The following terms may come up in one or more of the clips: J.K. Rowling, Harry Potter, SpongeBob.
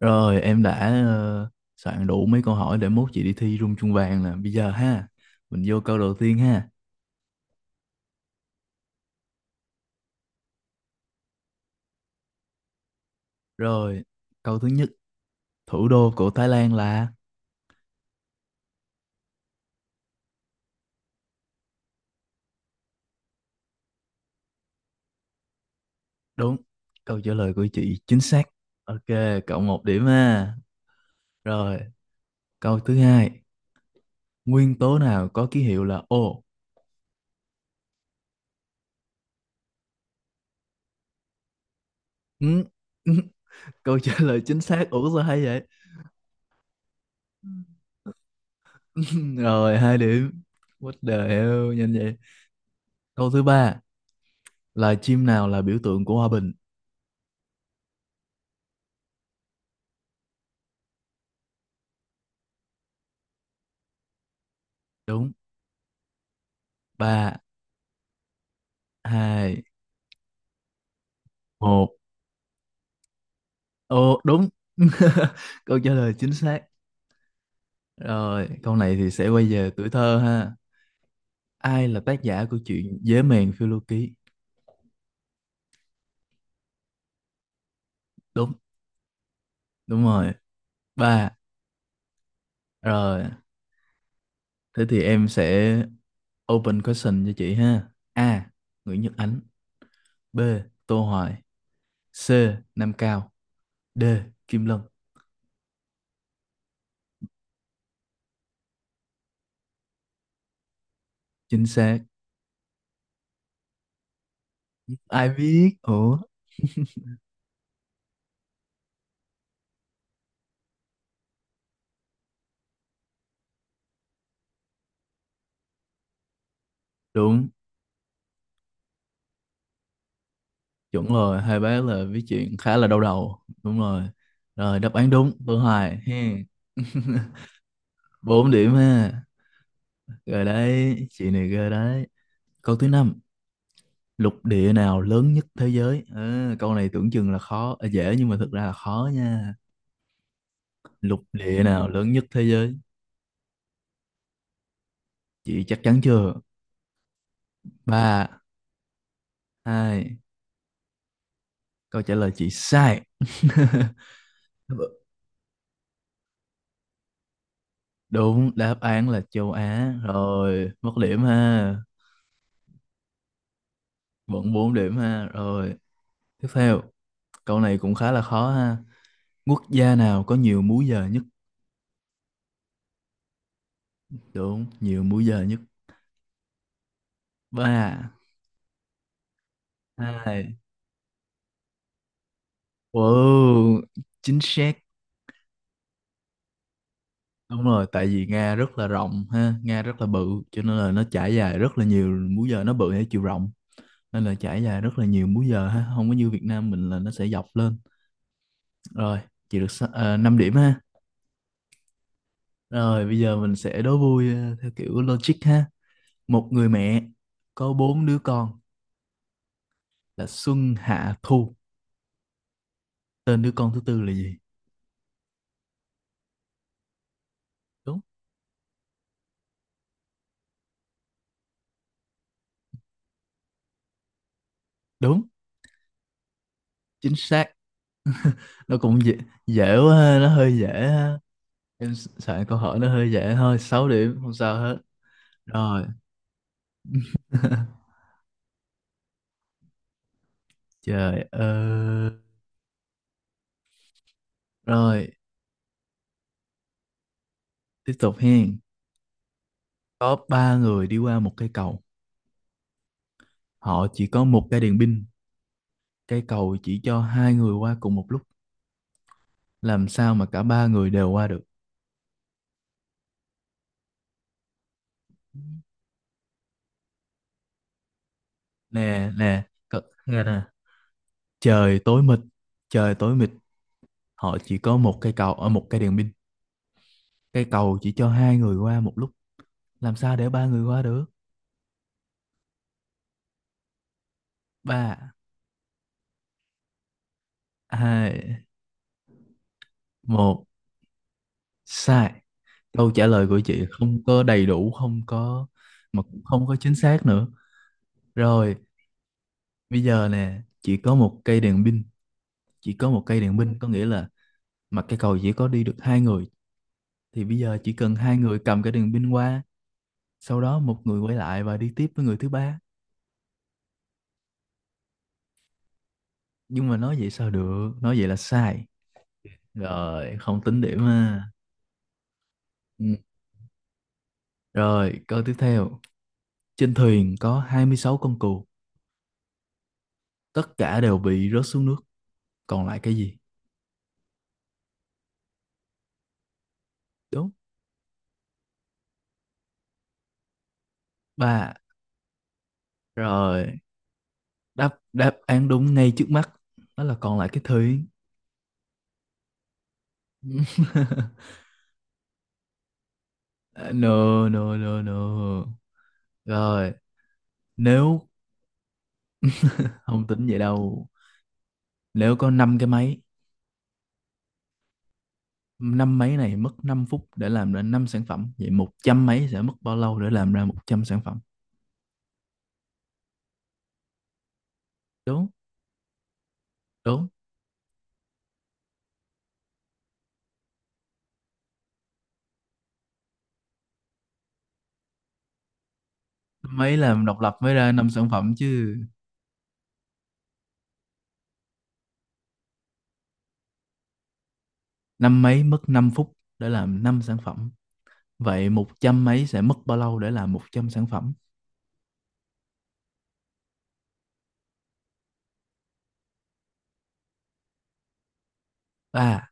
Rồi em đã ờ, soạn đủ mấy câu hỏi để mốt chị đi thi rung chuông vàng nè. Bây giờ ha, mình vô câu đầu tiên ha. Rồi, câu thứ nhất, thủ đô của Thái Lan là. Đúng. Câu trả lời của chị chính xác. Ok, cộng một điểm ha. Rồi, câu thứ hai, nguyên tố nào có ký hiệu là O? Ừ, ừ. Câu trả lời chính xác. Ủa sao hay vậy? Rồi, hai điểm. What the hell, nhanh vậy. Câu thứ ba, loài chim nào là biểu tượng của hòa bình? Đúng. Ba. Hai. Một. Ô đúng. Câu trả lời chính xác. Rồi câu này thì sẽ quay về tuổi thơ ha, ai là tác giả của truyện Dế mèn phiêu lưu ký? Đúng. Đúng rồi. Ba. Rồi, thế thì em sẽ open question cho chị ha. A, Nguyễn Nhật Ánh. B, Tô Hoài. C, Nam Cao. D, Kim Lân. Chính xác. Ai biết, ủa? Đúng. Chuẩn rồi, hai bé là viết chuyện khá là đau đầu, đúng rồi. Rồi đáp án đúng Vân Hoài he. Bốn điểm ha. Rồi đấy, chị này ghê đấy. Câu thứ năm, lục địa nào lớn nhất thế giới? À, câu này tưởng chừng là khó, à, dễ nhưng mà thực ra là khó nha. Lục địa nào lớn nhất thế giới? Chị chắc chắn chưa? Ba. Hai. Câu trả lời chị sai. Đúng, đáp án là châu Á rồi. Mất điểm ha. Vẫn bốn điểm ha. Rồi, tiếp theo. Câu này cũng khá là khó ha. Quốc gia nào có nhiều múi giờ nhất? Đúng, nhiều múi giờ nhất. Ba, hai. Wow, chính xác. Đúng rồi, tại vì Nga rất là rộng ha, Nga rất là bự, cho nên là nó trải dài rất là nhiều múi giờ, nó bự theo chiều rộng, nên là trải dài rất là nhiều múi giờ ha, không có như Việt Nam mình là nó sẽ dọc lên. Rồi, chị được 5 điểm ha. Rồi, bây giờ mình sẽ đố vui theo kiểu logic ha. Một người mẹ có bốn đứa con là Xuân, Hạ, Thu. Tên đứa con thứ tư là gì? Đúng. Đúng. Chính xác. Nó cũng dễ, dễ quá ha, nó hơi dễ ha. Em soạn câu hỏi nó hơi dễ thôi. Sáu điểm không sao hết. Rồi. Trời ơi. Rồi, tiếp tục hen. Có ba người đi qua một cây cầu. Họ chỉ có một cái đèn pin. Cây cầu chỉ cho hai người qua cùng một lúc. Làm sao mà cả ba người đều qua được? Nè nè, cậu nghe nè, trời tối mịt. Trời tối mịt, họ chỉ có một cây cầu ở một cây đèn pin. Cây cầu chỉ cho hai người qua một lúc. Làm sao để ba người qua được? Ba, hai, một, sai. Câu trả lời của chị không có đầy đủ, không có mà cũng không có chính xác nữa. Rồi, bây giờ nè, chỉ có một cây đèn pin, chỉ có một cây đèn pin có nghĩa là mà cây cầu chỉ có đi được hai người, thì bây giờ chỉ cần hai người cầm cái đèn pin qua, sau đó một người quay lại và đi tiếp với người thứ ba. Nhưng mà nói vậy sao được, nói vậy là sai. Rồi, không tính điểm mà. Ừ. Rồi, câu tiếp theo. Trên thuyền có 26 con cừu, tất cả đều bị rớt xuống nước, còn lại cái gì? Đúng. Ba. Rồi, đáp đáp án đúng ngay trước mắt, đó là còn lại cái thủy. No no no no. Rồi, nếu không tính vậy đâu. Nếu có 5 cái máy, năm máy này mất 5 phút để làm ra năm sản phẩm, vậy 100 máy sẽ mất bao lâu để làm ra 100 sản phẩm? Đúng. Đúng. Máy làm độc lập mới ra 5 sản phẩm chứ. Năm máy mất 5 phút để làm 5 sản phẩm. Vậy một trăm mấy sẽ mất bao lâu để làm 100 sản phẩm? Ba,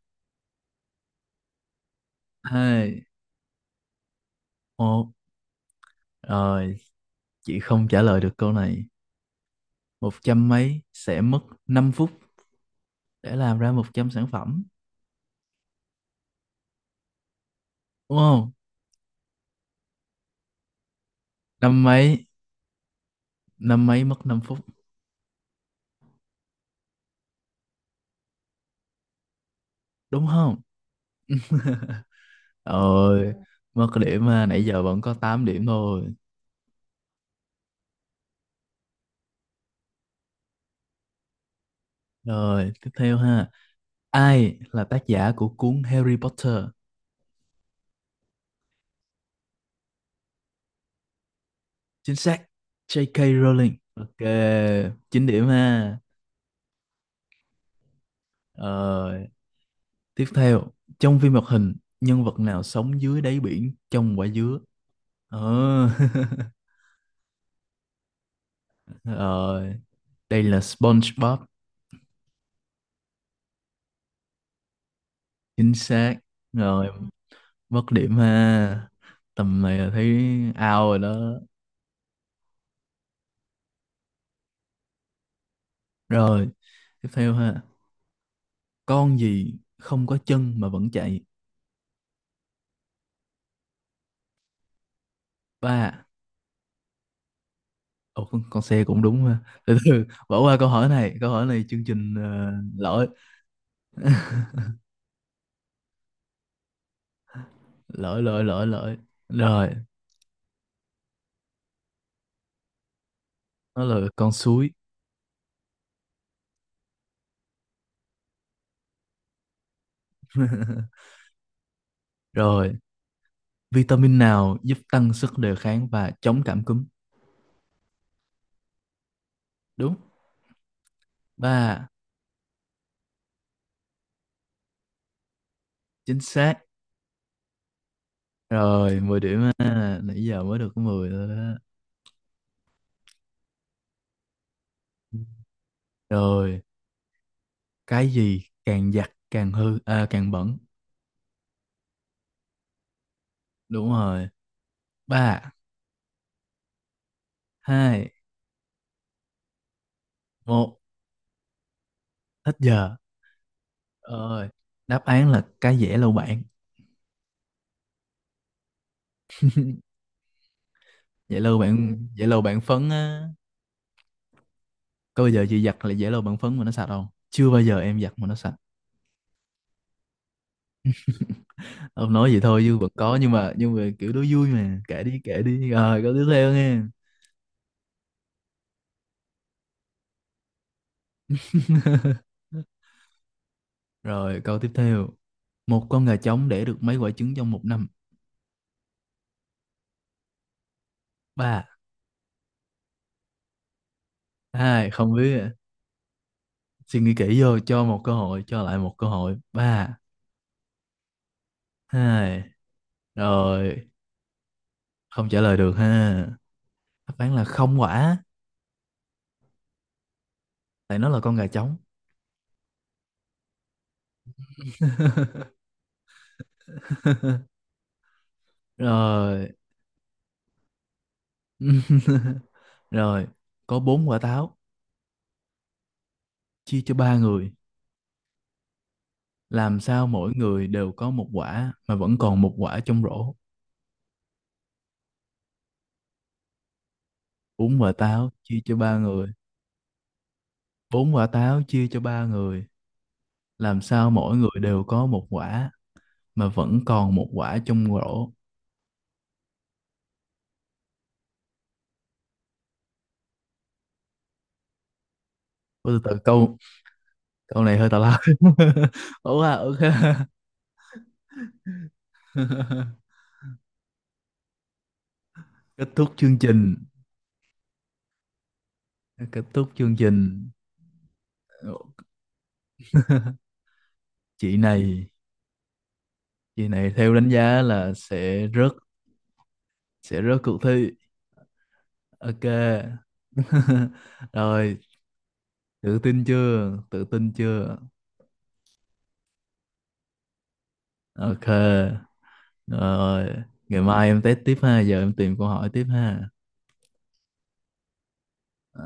hai, một. Rồi, chị không trả lời được câu này. 100 mấy sẽ mất 5 phút để làm ra 100 sản phẩm. Đúng không? Năm mấy, năm mấy mất 5 phút. Đúng không? Rồi, mất điểm ha. Nãy giờ vẫn có tám điểm thôi. Rồi, tiếp theo ha. Ai là tác giả của cuốn Harry Potter? Chính xác, J.K. Rowling. Ok, 9 điểm ha. Rồi, tiếp theo, trong phim hoạt hình, nhân vật nào sống dưới đáy biển trong quả dứa? Ờ. Rồi, đây là SpongeBob, chính xác. Rồi, mất điểm ha. Tầm này là thấy out rồi đó. Rồi, tiếp theo ha. Con gì không có chân mà vẫn chạy? Ba. Ồ, con xe cũng đúng ha. Từ từ, bỏ qua câu hỏi này. Câu hỏi này chương trình lỗi. Lỗi, lỗi, lỗi, lỗi. Rồi, nó là con suối. Rồi, vitamin nào giúp tăng sức đề kháng và chống cảm cúm? Đúng. Ba, chính xác. Rồi, 10 điểm ha. Nãy giờ mới được có 10 thôi đó. Rồi, cái gì càng giặt càng hư, à, càng bẩn. Đúng rồi. Ba, hai, một, hết giờ. Rồi, đáp án là cái dẻ lau bảng. Dẻ lau bảng, dẻ lau bảng phấn á. Có bao giờ chị giặt là dẻ lau bảng phấn mà nó sạch không? Chưa bao giờ em giặt mà nó sạch. Ông nói vậy thôi chứ vẫn có nhưng mà kiểu đó vui mà, kể đi rồi câu tiếp theo nghe. Rồi câu tiếp theo, một con gà trống đẻ được mấy quả trứng trong một năm? Ba. Hai, không biết ạ. Suy nghĩ kỹ vô, cho một cơ hội, cho lại một cơ hội. Ba. Hai. Rồi, không trả lời được ha. Đáp án là không quả, tại nó là con gà trống. Rồi. Rồi, có bốn quả táo chia cho ba người. Làm sao mỗi người đều có một quả mà vẫn còn một quả trong rổ? Bốn quả táo chia cho ba người. Bốn quả táo chia cho ba người. Làm sao mỗi người đều có một quả mà vẫn còn một quả trong rổ? Ôi, từ từ câu, câu này hơi tào lao. Ủa à, ok. Kết thúc chương trình. Kết thúc chương trình. Chị này, chị này theo đánh giá là sẽ rớt, sẽ rớt cuộc thi. Ok. Rồi. Tự tin chưa? Tự tin chưa? Ok. Rồi. Ngày mai em test tiếp ha. Giờ em tìm câu hỏi tiếp ha.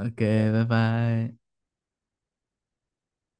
Ok. Bye bye.